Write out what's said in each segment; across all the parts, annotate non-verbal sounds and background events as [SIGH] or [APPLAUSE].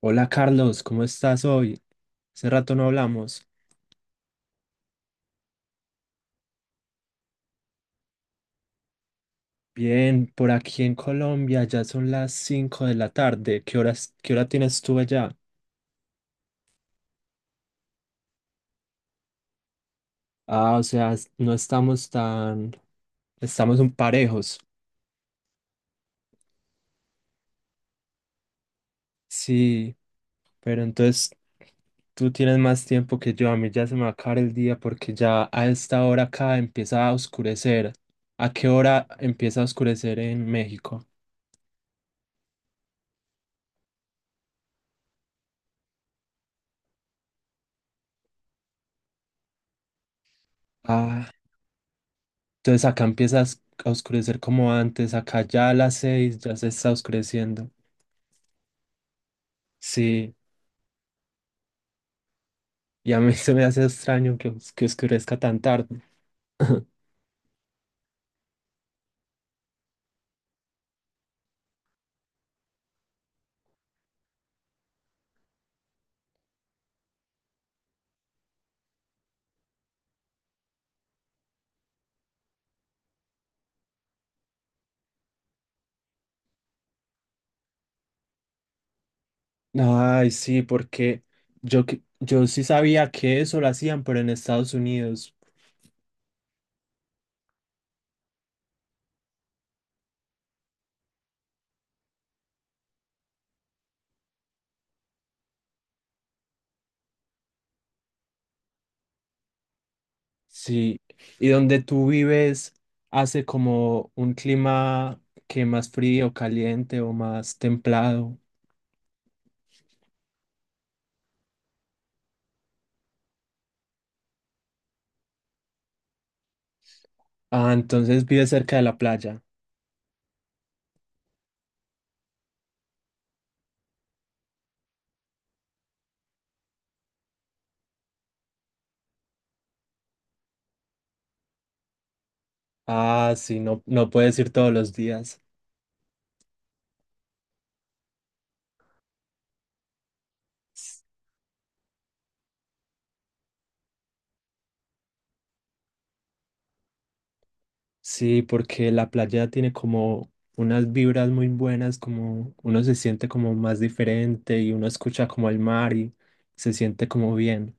Hola Carlos, ¿cómo estás hoy? Hace rato no hablamos. Bien, por aquí en Colombia ya son las 5 de la tarde. ¿Qué hora tienes tú allá? Ah, o sea, no estamos tan, estamos un parejos. Sí, pero entonces tú tienes más tiempo que yo. A mí ya se me va a acabar el día porque ya a esta hora acá empieza a oscurecer. ¿A qué hora empieza a oscurecer en México? Ah, entonces acá empieza a oscurecer como antes, acá ya a las 6 ya se está oscureciendo. Sí, y a mí [LAUGHS] se me hace extraño que, que oscurezca tan tarde. [LAUGHS] Ay, sí, porque yo sí sabía que eso lo hacían, pero en Estados Unidos, sí. Y donde tú vives hace como un clima que más frío, caliente o más templado. Ah, entonces vives cerca de la playa. Ah, sí, no, no puedes ir todos los días. Sí, porque la playa tiene como unas vibras muy buenas, como uno se siente como más diferente y uno escucha como el mar y se siente como bien.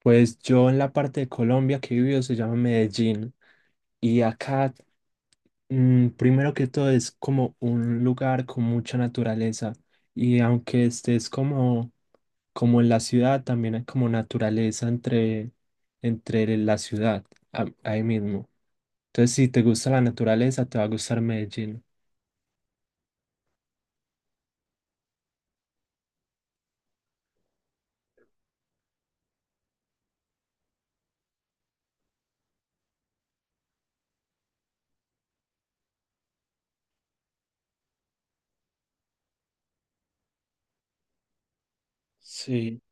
Pues yo en la parte de Colombia que he vivido se llama Medellín y acá, primero que todo es como un lugar con mucha naturaleza y aunque estés como, como en la ciudad, también hay como naturaleza entre, entre la ciudad, ahí mismo. Entonces, si te gusta la naturaleza, te va a gustar Medellín. Sí.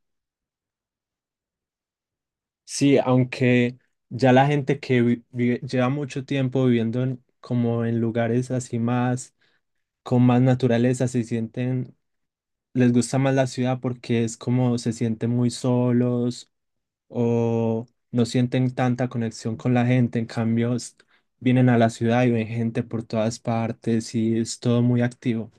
Sí, aunque ya la gente que lleva mucho tiempo viviendo como en lugares así más, con más naturaleza, se sienten les gusta más la ciudad porque es como se sienten muy solos o no sienten tanta conexión con la gente. En cambio, vienen a la ciudad y ven gente por todas partes y es todo muy activo.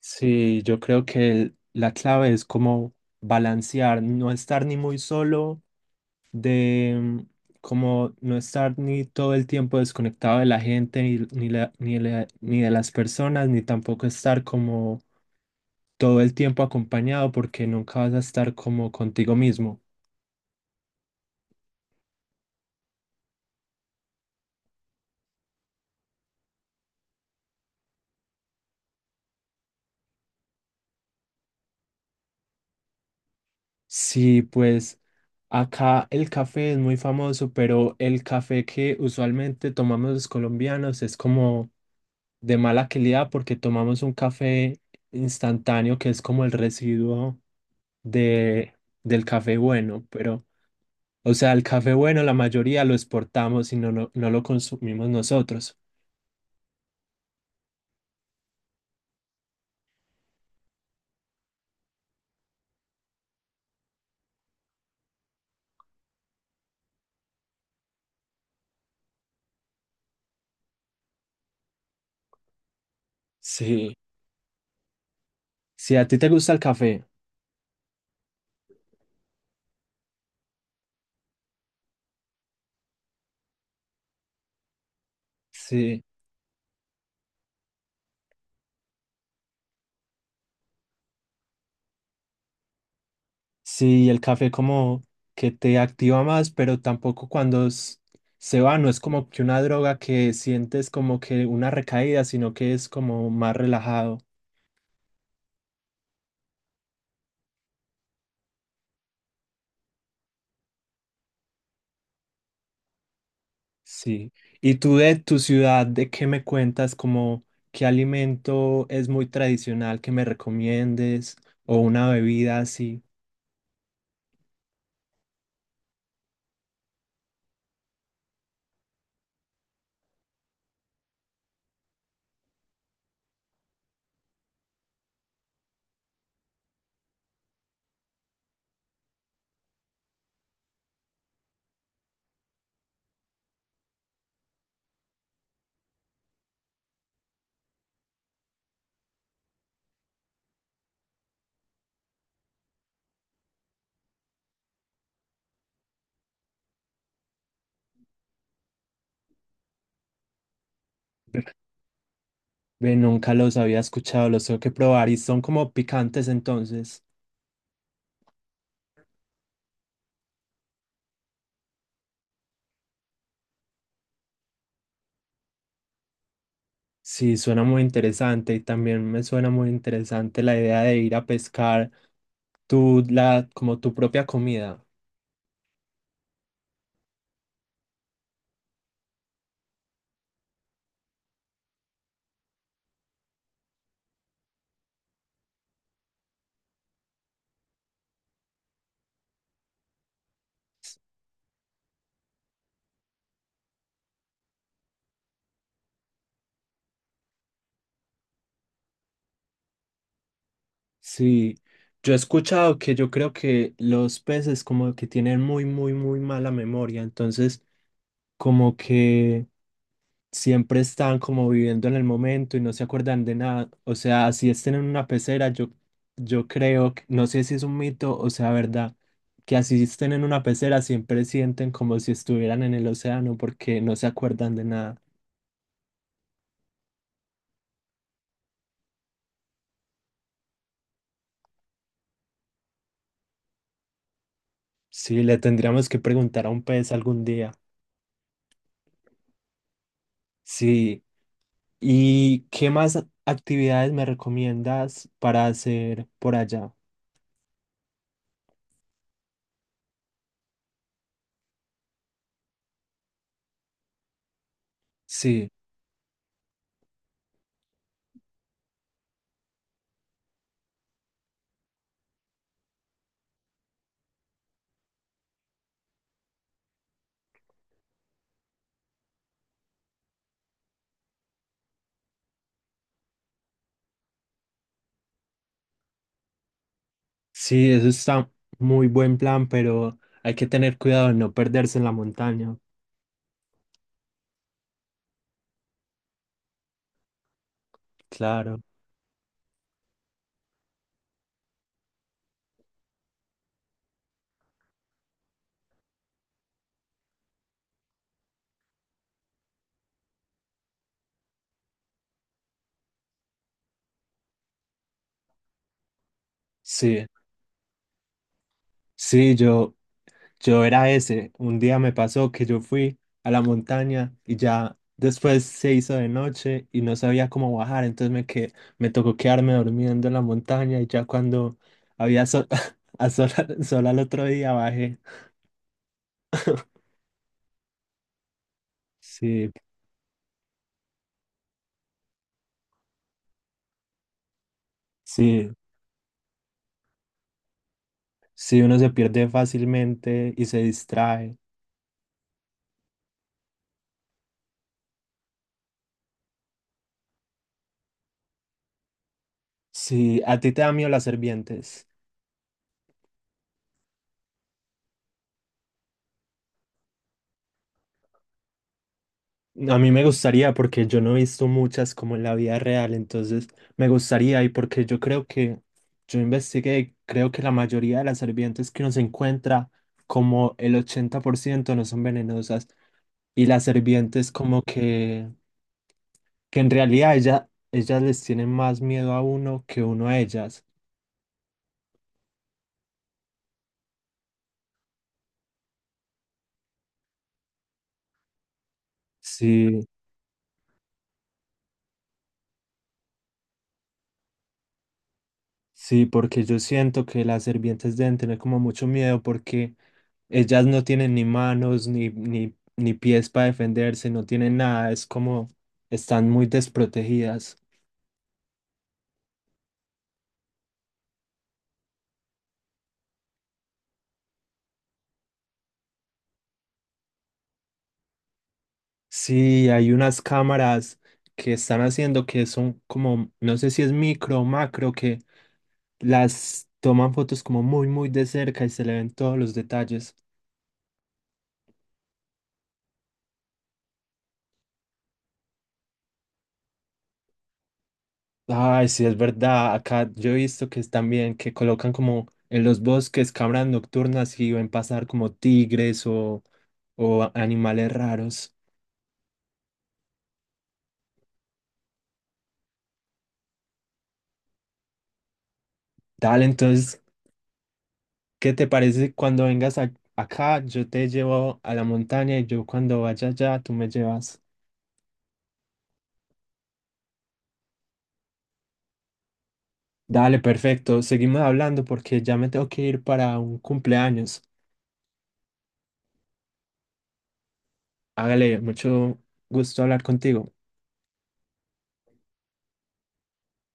Sí, yo creo que la clave es como balancear, no estar ni muy solo, de como no estar ni todo el tiempo desconectado de la gente, ni ni de las personas, ni tampoco estar como todo el tiempo acompañado porque nunca vas a estar como contigo mismo. Sí, pues acá el café es muy famoso, pero el café que usualmente tomamos los colombianos es como de mala calidad porque tomamos un café instantáneo que es como el residuo de, del café bueno, pero o sea, el café bueno la mayoría lo exportamos y no lo consumimos nosotros. Sí, si a ti te gusta el café, sí. Sí, el café como que te activa más, pero tampoco cuando se va, no es como que una droga que sientes como que una recaída, sino que es como más relajado. Sí. ¿Y tú de tu ciudad, de qué me cuentas? Como qué alimento es muy tradicional que me recomiendes o una bebida así. Ve, nunca los había escuchado, los tengo que probar y son como picantes entonces. Sí, suena muy interesante y también me suena muy interesante la idea de ir a pescar tu, la, como tu propia comida. Sí, yo he escuchado que yo creo que los peces como que tienen muy mala memoria, entonces como que siempre están como viviendo en el momento y no se acuerdan de nada. O sea, si estén en una pecera, yo creo, no sé si es un mito o sea verdad, que así estén en una pecera siempre sienten como si estuvieran en el océano porque no se acuerdan de nada. Sí, le tendríamos que preguntar a un pez algún día. Sí. ¿Y qué más actividades me recomiendas para hacer por allá? Sí, sí, eso está muy buen plan, pero hay que tener cuidado de no perderse en la montaña. Claro. Sí, sí, yo, yo era ese. Un día me pasó que yo fui a la montaña y ya después se hizo de noche y no sabía cómo bajar, entonces me tocó quedarme durmiendo en la montaña y ya cuando había sol, [LAUGHS] a sol, sol al otro día bajé. [LAUGHS] Sí, sí, sí, uno se pierde fácilmente y se distrae. Sí, a ti te da miedo las serpientes. A mí me gustaría porque yo no he visto muchas como en la vida real, entonces me gustaría y porque yo creo que yo investigué, creo que la mayoría de las serpientes que uno se encuentra, como el 80% no son venenosas y las serpientes como que en realidad ella, ellas les tienen más miedo a uno que uno a ellas. Sí. Sí, porque yo siento que las serpientes deben tener como mucho miedo porque ellas no tienen ni manos ni ni pies para defenderse, no tienen nada, es como están muy desprotegidas. Sí, hay unas cámaras que están haciendo que son como, no sé si es micro o macro, que las toman fotos como muy de cerca y se le ven todos los detalles. Ay, sí, es verdad. Acá yo he visto que es también que colocan como en los bosques cámaras nocturnas y ven pasar como tigres o, o animales raros. Dale, entonces, ¿qué te parece cuando vengas acá? Yo te llevo a la montaña y yo cuando vaya allá, tú me llevas. Dale, perfecto. Seguimos hablando porque ya me tengo que ir para un cumpleaños. Hágale, mucho gusto hablar contigo.